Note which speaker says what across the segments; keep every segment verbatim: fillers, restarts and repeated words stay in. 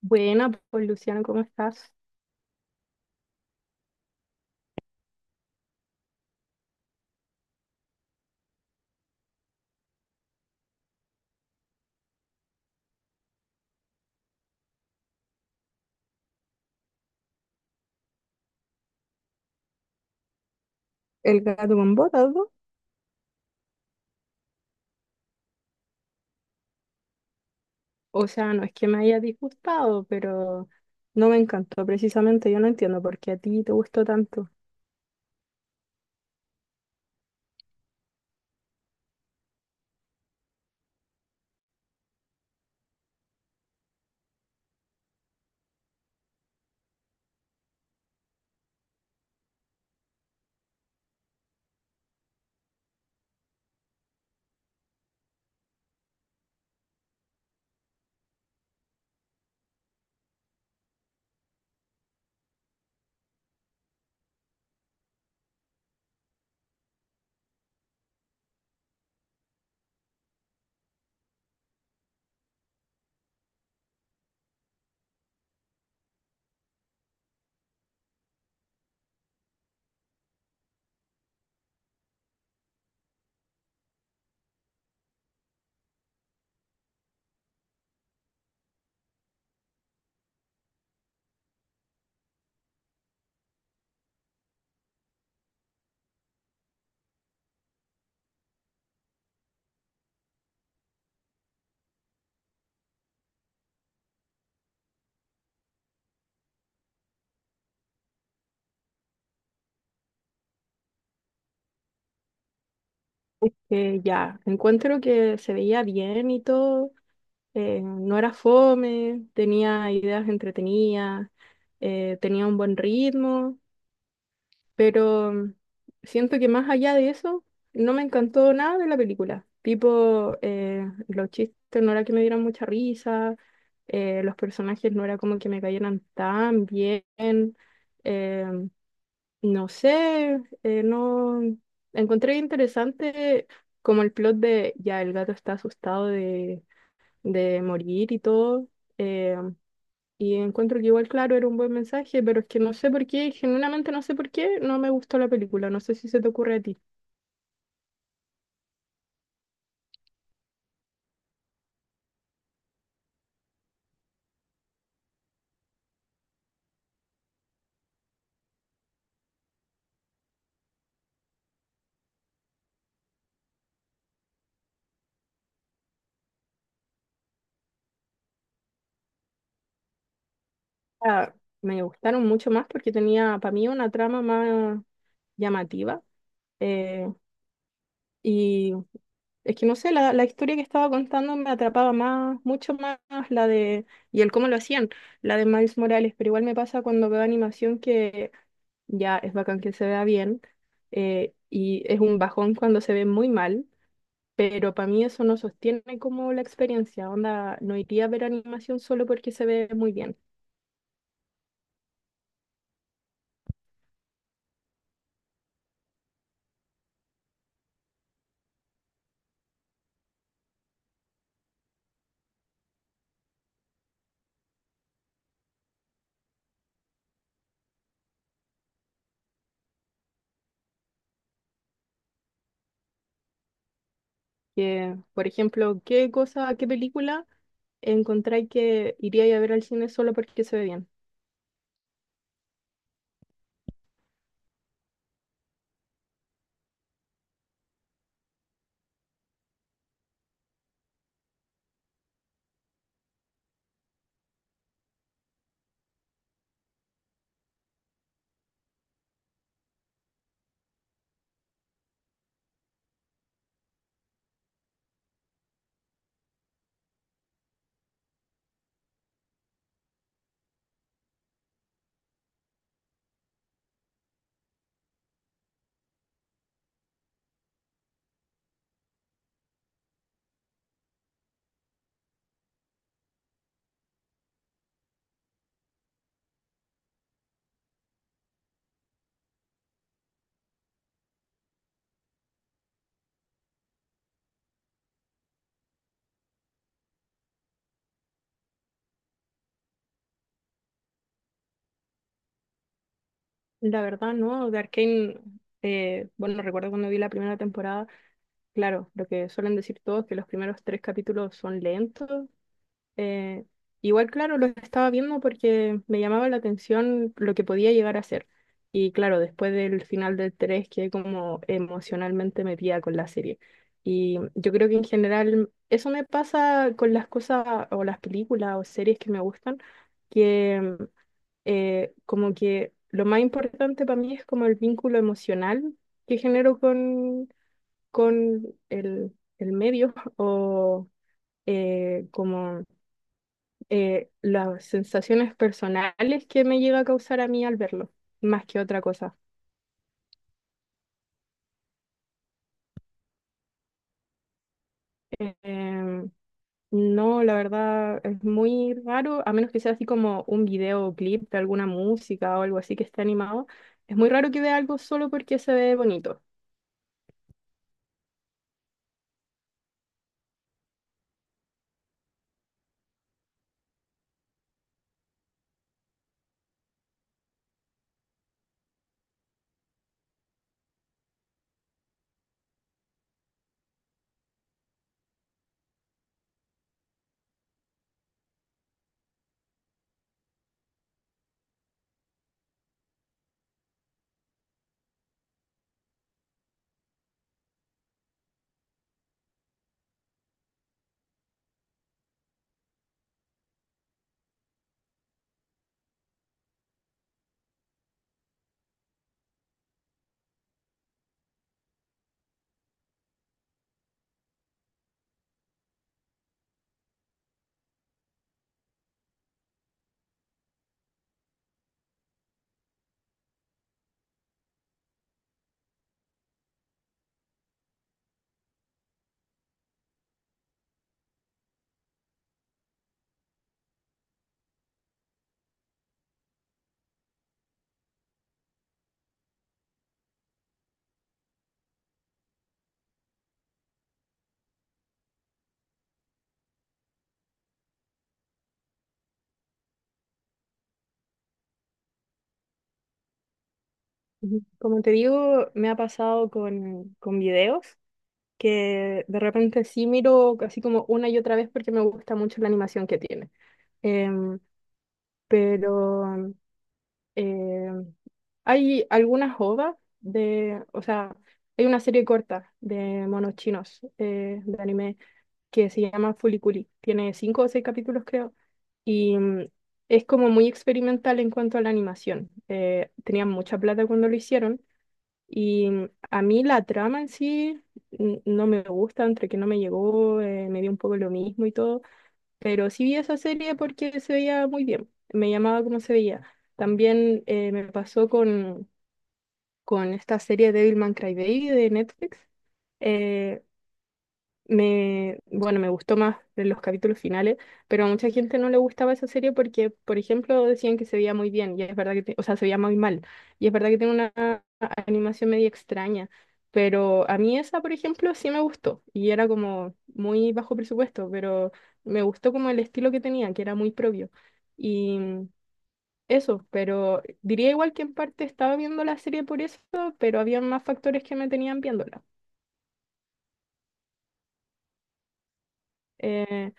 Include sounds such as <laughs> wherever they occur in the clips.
Speaker 1: Buena, pues Luciano, ¿cómo estás? El gato con botas, ¿no? O sea, no es que me haya disgustado, pero no me encantó precisamente. Yo no entiendo por qué a ti te gustó tanto. Eh, ya, encuentro que se veía bien y todo, eh, no era fome, tenía ideas entretenidas, eh, tenía un buen ritmo. Pero mm, siento que más allá de eso, no me encantó nada de la película. Tipo, eh, los chistes no era que me dieran mucha risa, eh, los personajes no era como que me cayeran tan bien. eh, no sé, eh, no encontré interesante como el plot de ya el gato está asustado de, de morir y todo. eh, y encuentro que igual, claro, era un buen mensaje, pero es que no sé por qué, genuinamente no sé por qué, no me gustó la película. No sé si se te ocurre a ti. Ah, me gustaron mucho más porque tenía para mí una trama más llamativa. eh, y es que no sé, la, la historia que estaba contando me atrapaba más, mucho más la de, y el cómo lo hacían, la de Miles Morales. Pero igual me pasa cuando veo animación que ya es bacán que se vea bien. Eh, y es un bajón cuando se ve muy mal. Pero para mí eso no sostiene como la experiencia. Onda, no iría a ver animación solo porque se ve muy bien. Que, por ejemplo, ¿qué cosa, qué película encontráis que iría a ver al cine solo porque se ve bien? La verdad, no. De Arcane, eh, bueno, recuerdo cuando vi la primera temporada, claro, lo que suelen decir todos, que los primeros tres capítulos son lentos. Eh, Igual, claro, lo estaba viendo porque me llamaba la atención lo que podía llegar a ser. Y claro, después del final del tres quedé como emocionalmente metida con la serie. Y yo creo que en general eso me pasa con las cosas o las películas o series que me gustan, que eh, como que lo más importante para mí es como el vínculo emocional que genero con, con el, el medio <laughs> o eh, como eh, las sensaciones personales que me llega a causar a mí al verlo, más que otra cosa. Eh, em, no, la verdad es muy raro, a menos que sea así como un videoclip de alguna música o algo así que esté animado. Es muy raro que vea algo solo porque se ve bonito. Ujú. Como te digo, me ha pasado con, con videos que de repente sí miro así como una y otra vez porque me gusta mucho la animación que tiene. Em, pero em, hay algunas O V As de, o sea, hay una serie corta de monos chinos, eh, de anime, que se llama Fuliculi. Tiene cinco o seis capítulos, creo, y mm, es como muy experimental en cuanto a la animación. Eh, tenían mucha plata cuando lo hicieron y mm, a mí la trama en sí mm, no me gusta, entre que no me llegó, eh, me dio un poco lo mismo y todo, pero sí vi esa serie porque se veía muy bien, me llamaba como se veía. También eh, me pasó con con esta serie Devilman Crybaby de Netflix. Eh, me, bueno, me gustó más de los capítulos finales, pero a mucha gente no le gustaba esa serie porque, por ejemplo, decían que se veía muy bien, y es verdad que, te- o sea, se veía muy mal, y es verdad que tiene una animación medio extraña, pero a mí esa, por ejemplo, sí me gustó, y era como muy bajo presupuesto, pero me gustó como el estilo que tenía, que era muy propio. Eso, pero diría igual que en parte estaba viendo la serie por eso, pero había más factores que me tenían viéndola. Eh,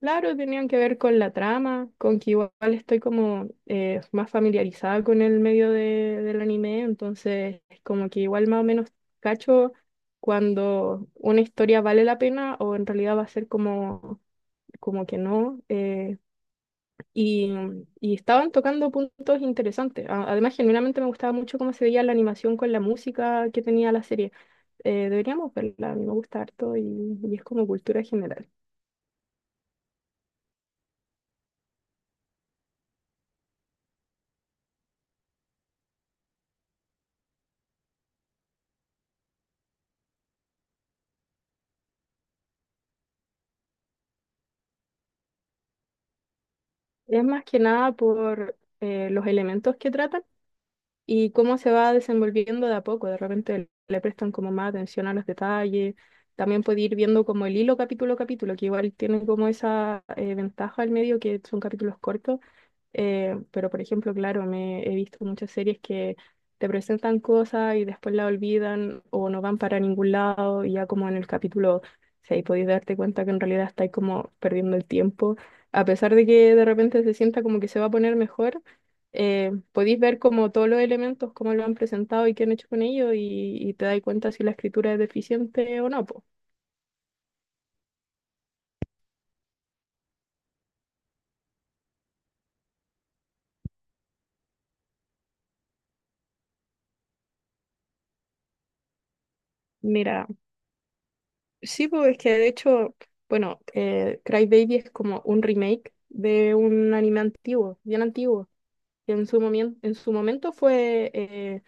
Speaker 1: claro, tenían que ver con la trama, con que igual estoy como eh, más familiarizada con el medio de- del anime, entonces es como que igual más o menos cacho cuando una historia vale la pena o en realidad va a ser como, como que no. eh, Y, y estaban tocando puntos interesantes. A- Además, genuinamente me gustaba mucho cómo se veía la animación con la música que tenía la serie. Eh, deberíamos verla, a mí me gusta harto y, y es como cultura general. Es más que nada por eh, los elementos que tratan y cómo se va desenvolviendo de a poco. De repente le prestan como más atención a los detalles. También puede ir viendo como el hilo capítulo a capítulo, que igual tiene como esa eh, ventaja al medio que son capítulos cortos. Eh, pero, por ejemplo, claro, me he visto muchas series que te presentan cosas y después la olvidan o no van para ningún lado y ya como en el capítulo seis podéis darte cuenta que en realidad estáis como perdiendo el tiempo. A pesar de que de repente se sienta como que se va a poner mejor, eh, podéis ver como todos los elementos, cómo lo han presentado y qué han hecho con ellos y, y te dais cuenta si la escritura es deficiente o no, po. Mira, sí, pues es que de hecho, bueno, eh, Cry Baby es como un remake de un anime antiguo, bien antiguo, que en su momien- en su momento fue eh,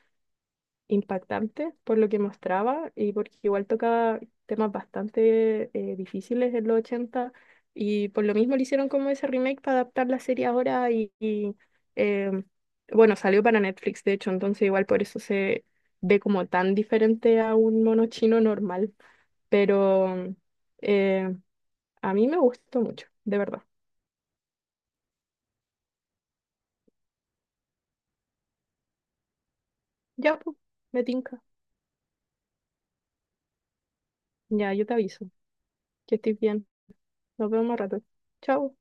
Speaker 1: impactante por lo que mostraba y porque igual tocaba temas bastante eh, difíciles en los ochenta, y por lo mismo le hicieron como ese remake para adaptar la serie ahora y, y, em, bueno, salió para Netflix de hecho, entonces igual por eso se ve como tan diferente a un mono chino normal. Pero eh, a mí me gustó mucho, de verdad. Ya, pues, me tinca. Ya, yo te aviso que estoy bien. Nos vemos más rato. Chao.